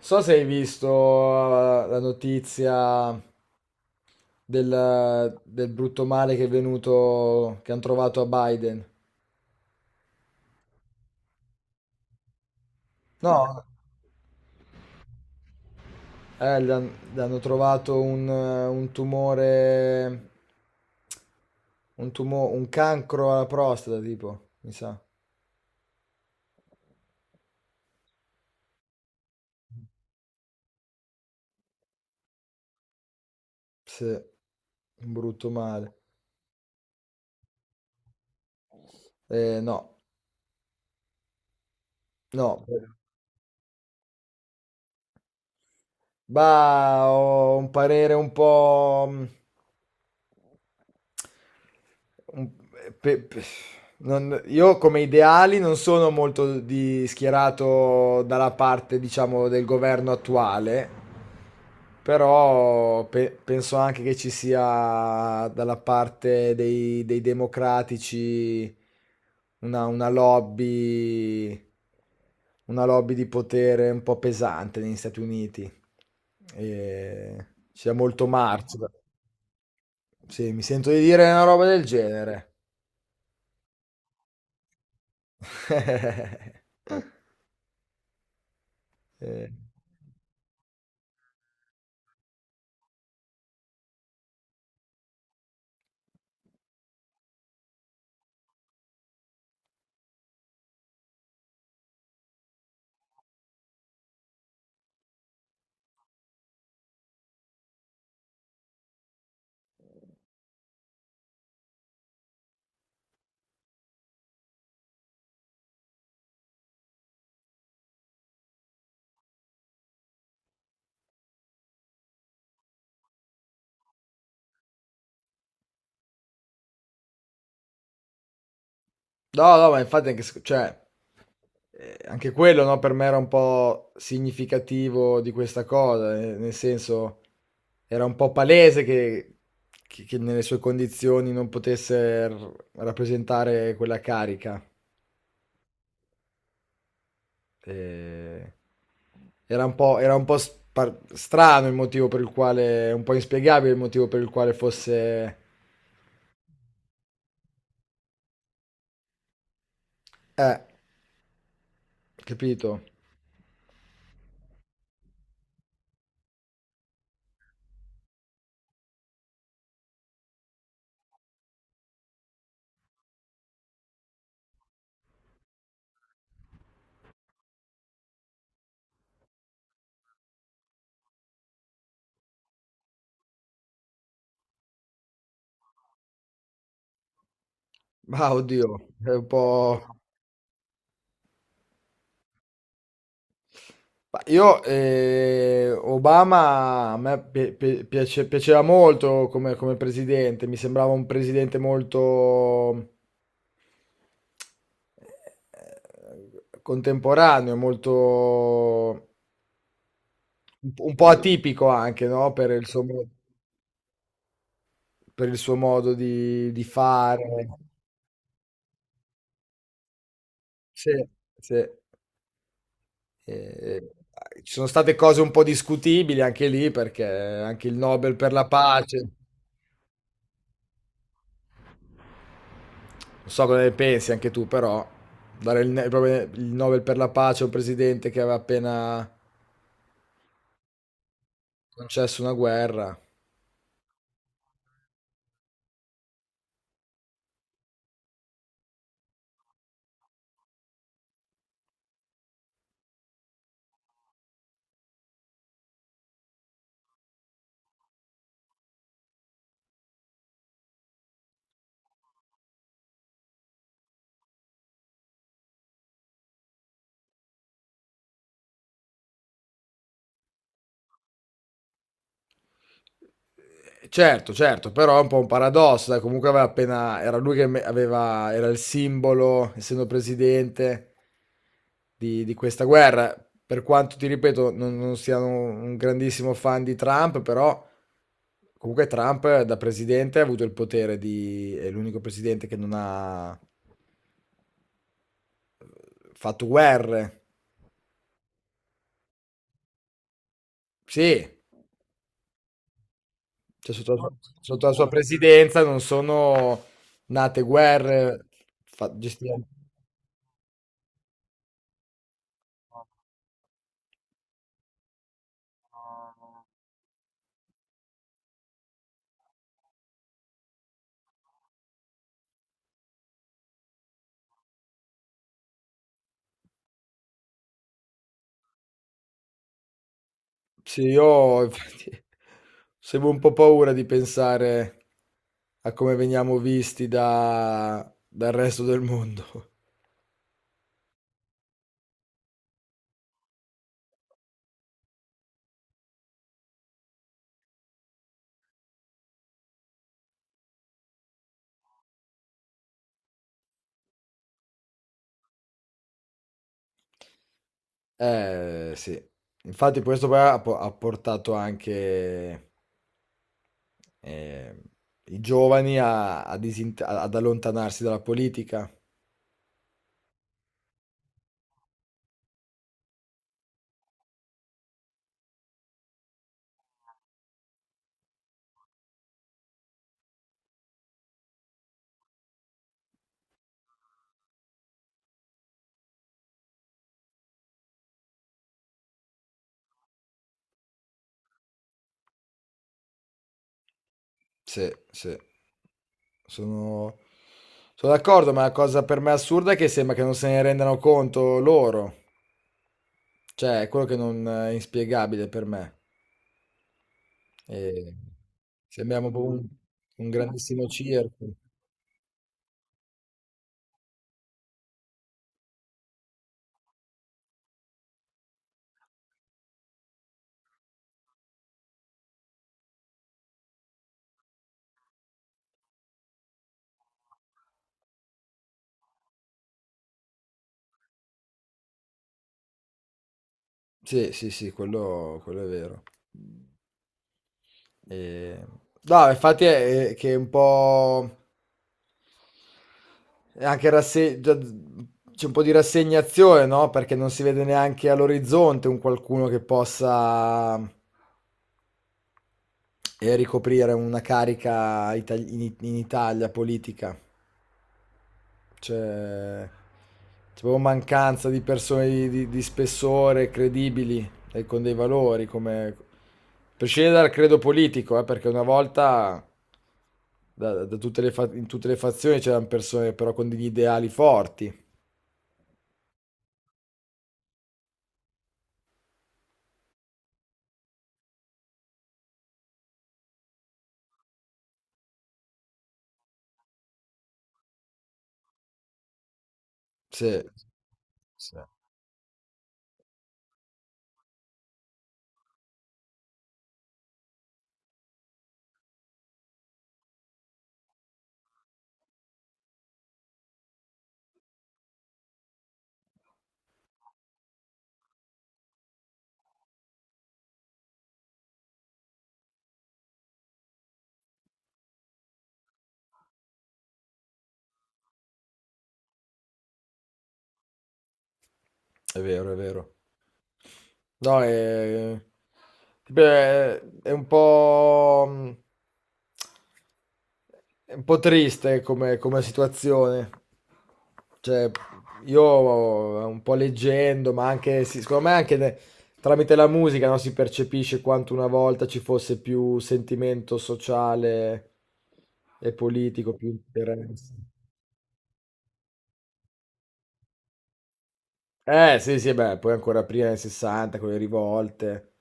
So se hai visto la notizia del brutto male che è venuto, che hanno trovato a Biden. No, gli hanno trovato un tumore, un cancro alla prostata, tipo, mi sa. Sì, un brutto male. No, no. Bah, ho un parere un po'un- pe- pe- io come ideali non sono molto schierato dalla parte, diciamo, del governo attuale, però penso anche che ci sia dalla parte dei democratici una, una lobby, una lobby di potere un po' pesante negli Stati Uniti. E c'è molto marcio. Sì, mi sento di dire una roba del genere. Eh, No, no, ma infatti anche, anche quello, no, per me era un po' significativo di questa cosa, nel senso era un po' palese che nelle sue condizioni non potesse r rappresentare quella carica. Ehm, Era un po' spar strano il motivo per il quale, un po' inspiegabile il motivo per il quale fosse eh, capito? Mah, oddio, è un po'... Io, Obama a me piaceva molto come, come presidente. Mi sembrava un presidente molto contemporaneo, molto un po' atipico anche, no? Per il suo, per il suo modo di fare. Sì, sì. Eh, ci sono state cose un po' discutibili anche lì, perché anche il Nobel per la pace. Non so cosa ne pensi anche tu, però dare il, proprio il Nobel per la pace a un presidente che aveva appena concesso una guerra. Certo, certo, però è un po' un paradosso, dai, comunque aveva appena, era lui che era il simbolo, essendo presidente, di questa guerra. Per quanto ti ripeto, non siano un grandissimo fan di Trump, però comunque Trump da presidente ha avuto il potere di, è l'unico presidente che non ha fatto guerre. Sì, cioè, sotto la sua presidenza non sono nate guerre. fa- gestire- Sì, io infatti, avevo un po' paura di pensare a come veniamo visti dal resto del mondo. Sì. Infatti questo poi ha portato anche eh, i giovani ad allontanarsi dalla politica. Sì, sì. Sono... Sono d'accordo, ma la cosa per me assurda è che sembra che non se ne rendano conto loro. Cioè, è quello che non è inspiegabile per me. E sembriamo proprio un grandissimo circo. Sì, sì, sì, quello è vero. E- No, infatti è che è un po'... è anche c'è un po' di rassegnazione, no? Perché non si vede neanche all'orizzonte un qualcuno che possa... e ricoprire una carica in Italia politica. C'è, c'è proprio mancanza di persone di, di spessore, credibili e con dei valori, come... prescindere dal credo politico, perché una volta da- da tutte le fa- in tutte le fazioni c'erano persone però con degli ideali forti. Sì, sì. È vero, è vero. No, è, beh, è un po'è un po' triste come, come situazione. Cioè, io un po' leggendo, ma anche, sì, secondo me anche tramite la musica, no, si percepisce quanto una volta ci fosse più sentimento sociale e politico, più interesse. Sì, sì, beh, poi ancora prima nel '60 con le rivolte.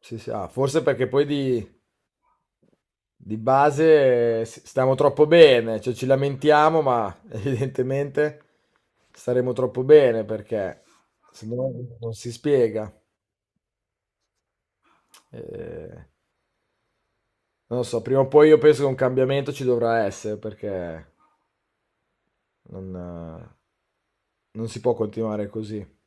Sì, sì, ah, forse perché poi di base stiamo troppo bene, cioè ci lamentiamo, ma evidentemente staremo troppo bene perché secondo me non si spiega. Eh, non lo so, prima o poi io penso che un cambiamento ci dovrà essere perché non, non si può continuare così.